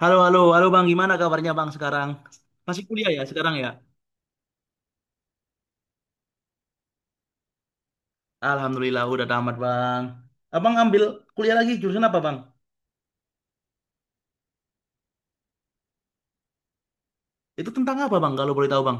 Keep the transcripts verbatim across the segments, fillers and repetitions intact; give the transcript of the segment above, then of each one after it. Halo, halo, halo Bang, gimana kabarnya Bang sekarang? Masih kuliah ya sekarang ya? Alhamdulillah udah tamat Bang. Abang ambil kuliah lagi jurusan apa Bang? Itu tentang apa Bang kalau boleh tahu Bang?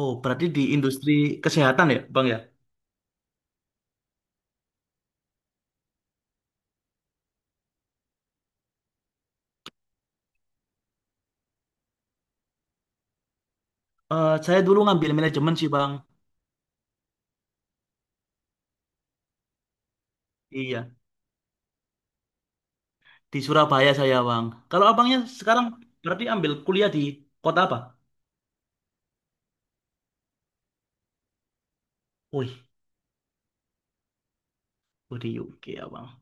Oh, berarti di industri kesehatan ya Bang ya? Eh, saya dulu ngambil manajemen sih Bang. Iya, di Surabaya saya Bang. Kalau abangnya sekarang berarti ambil kuliah di kota apa? Wih, oh, di U K ya Bang.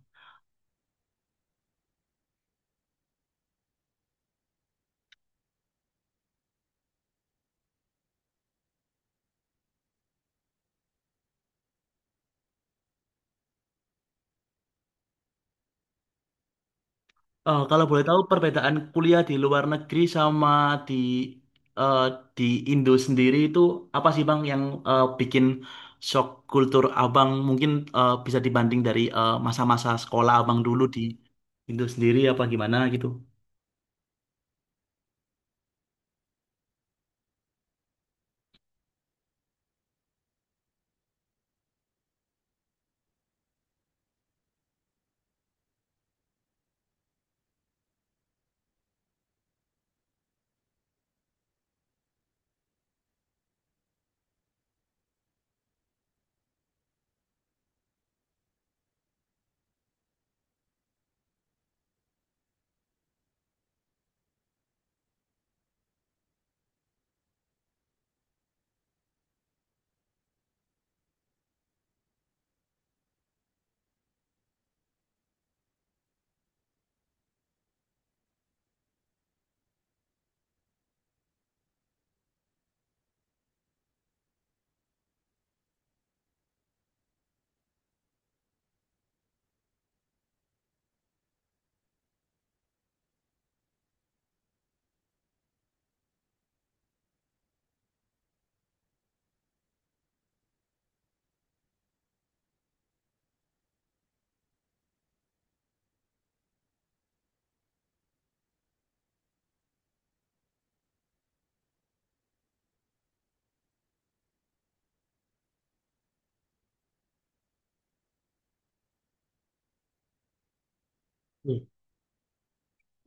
Eh, kalau boleh tahu perbedaan kuliah di luar negeri sama di eh, di Indo sendiri itu apa sih Bang yang eh, bikin shock kultur Abang mungkin eh, bisa dibanding dari eh, masa-masa sekolah Abang dulu di Indo sendiri apa gimana gitu?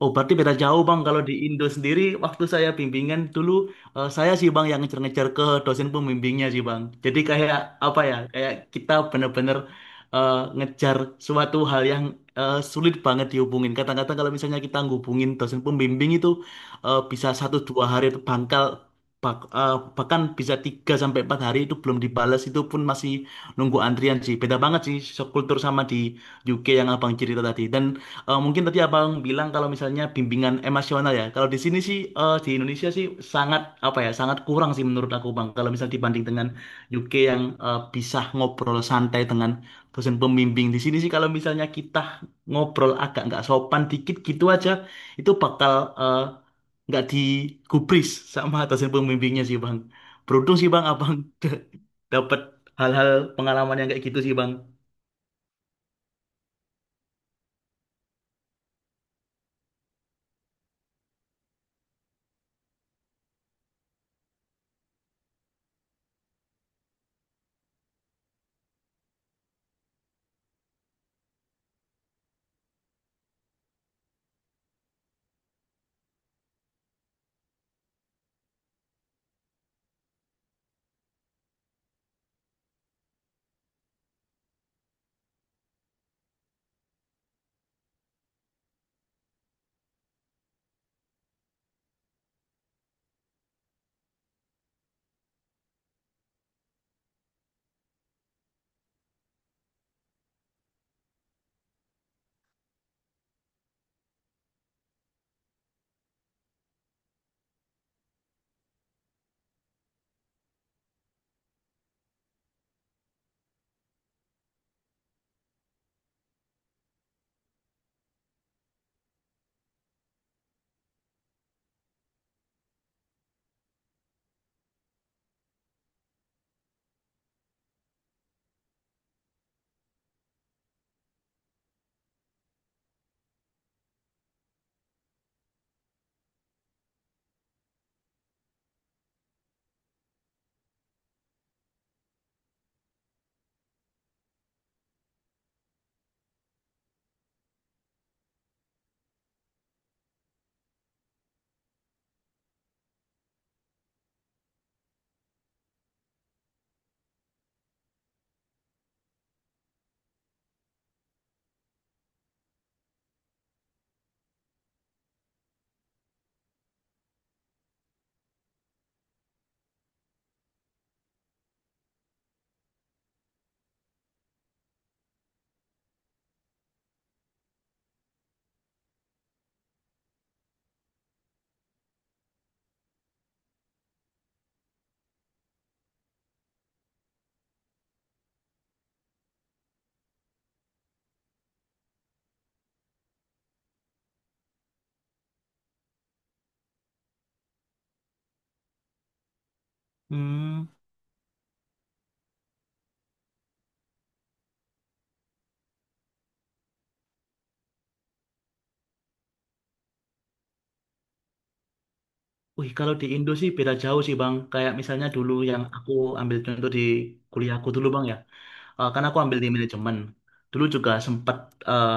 Oh, berarti beda jauh Bang. Kalau di Indo sendiri, waktu saya bimbingan dulu, eh, saya sih Bang yang ngejar-ngejar ke dosen pembimbingnya sih Bang. Jadi kayak apa ya, kayak kita bener-bener eh, ngejar suatu hal yang eh, sulit banget dihubungin. Kadang-kadang kalau misalnya kita ngubungin dosen pembimbing itu eh, bisa satu dua hari itu bangkal, bak- eh, bahkan bisa tiga sampai empat hari itu belum dibalas, itu pun masih nunggu antrian sih. Beda banget sih so- kultur sama di U K yang Abang cerita tadi. Dan Eh, mungkin tadi abang bilang kalau misalnya bimbingan emosional ya. Kalau di sini sih eh, di Indonesia sih sangat apa ya sangat kurang sih menurut aku bang. Kalau misalnya dibanding dengan U K yang eh, bisa ngobrol santai dengan dosen pembimbing di sini sih kalau misalnya kita ngobrol agak nggak sopan dikit gitu aja itu bakal eh, nggak digubris sama dosen pembimbingnya sih bang. Beruntung sih bang abang dapat hal-hal pengalaman yang kayak gitu sih bang. Hmm. Wih, kalau di Indo sih beda jauh sih Bang. Kayak misalnya dulu yang aku ambil contoh di kuliahku dulu Bang ya eh, kan aku ambil di manajemen. Dulu juga sempat eh,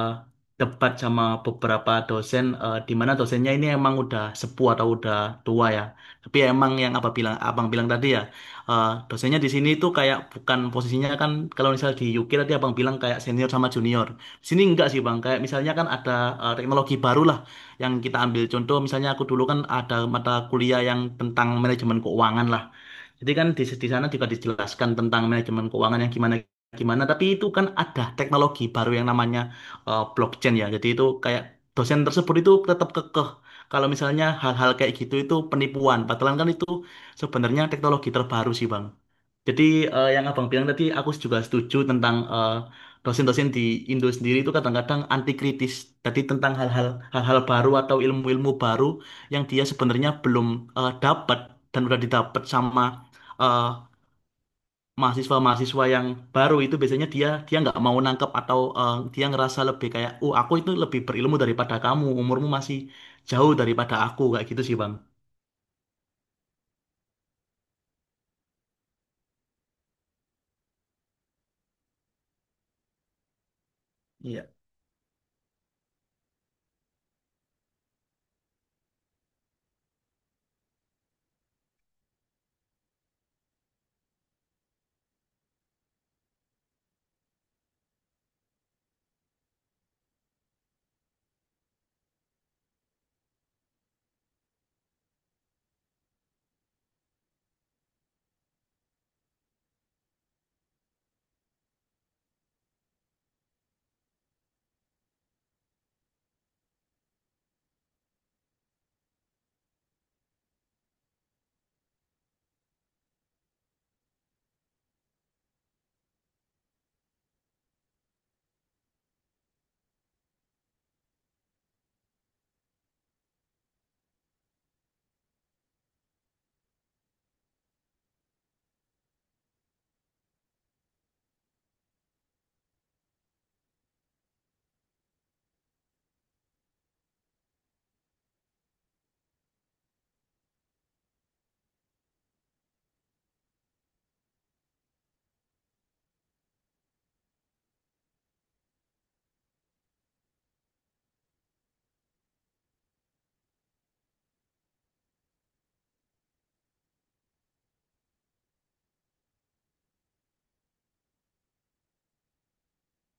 debat sama beberapa dosen, eh, di mana dosennya ini emang udah sepuh atau udah tua ya. Tapi ya emang yang apa bilang, abang bilang tadi ya, eh, dosennya di sini itu kayak bukan posisinya kan kalau misal di U K tadi abang bilang kayak senior sama junior. Di sini enggak sih bang, kayak misalnya kan ada eh, teknologi baru lah yang kita ambil contoh. Misalnya aku dulu kan ada mata kuliah yang tentang manajemen keuangan lah. Jadi kan di, di sana juga dijelaskan tentang manajemen keuangan yang gimana gimana. Tapi itu kan ada teknologi baru yang namanya eh, blockchain ya. Jadi itu kayak dosen tersebut itu tetap kekeh. Kalau misalnya hal-hal kayak gitu itu penipuan. Padahal kan itu sebenarnya teknologi terbaru sih Bang. Jadi eh, yang abang bilang tadi aku juga setuju tentang eh, dosen-dosen di Indo sendiri itu kadang-kadang anti kritis tadi tentang hal-hal hal-hal baru atau ilmu-ilmu baru yang dia sebenarnya belum eh, dapat dan udah didapat sama eh, mahasiswa-mahasiswa yang baru itu biasanya dia dia nggak mau nangkep atau eh, dia ngerasa lebih kayak, oh aku itu lebih berilmu daripada kamu, umurmu masih jauh daripada aku kayak gitu sih bang. Iya.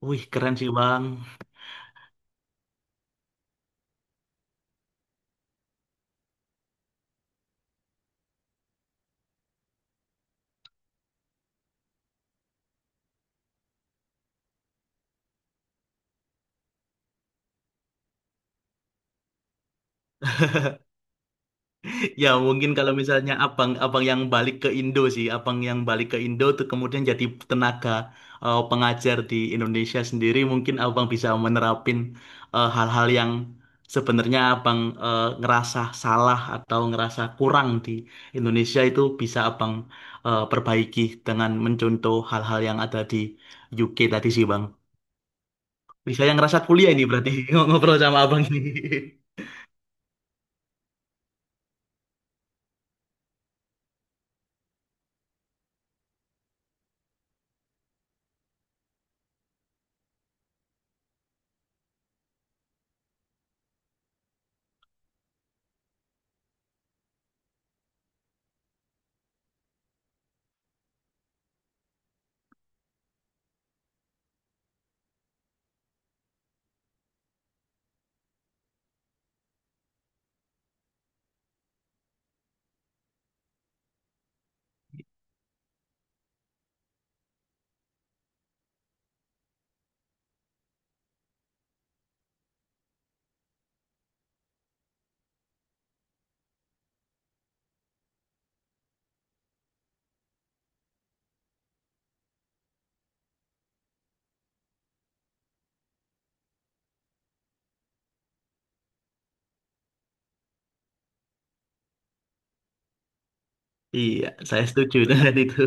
Wih keren sih bang. Ya mungkin kalau misalnya abang abang yang balik ke Indo sih, abang yang balik ke Indo tuh kemudian jadi tenaga eh, pengajar di Indonesia sendiri, mungkin abang bisa menerapin eh, hal-hal yang sebenarnya abang eh, ngerasa salah atau ngerasa kurang di Indonesia itu bisa abang eh, perbaiki dengan mencontoh hal-hal yang ada di U K tadi sih bang. Bisa yang ngerasa kuliah ini berarti ngobrol sama abang ini. Iya, saya setuju dengan itu.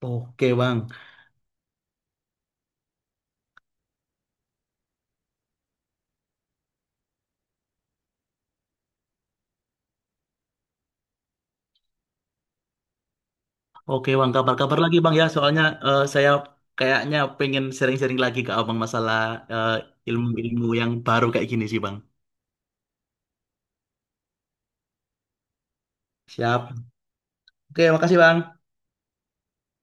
Oke, Bang. Oke Bang, kabar-kabar lagi Bang ya. Soalnya eh, saya kayaknya pengen sering-sering lagi ke Abang masalah eh, ilmu-ilmu yang baru kayak gini sih Bang. Siap. Oke, makasih Bang.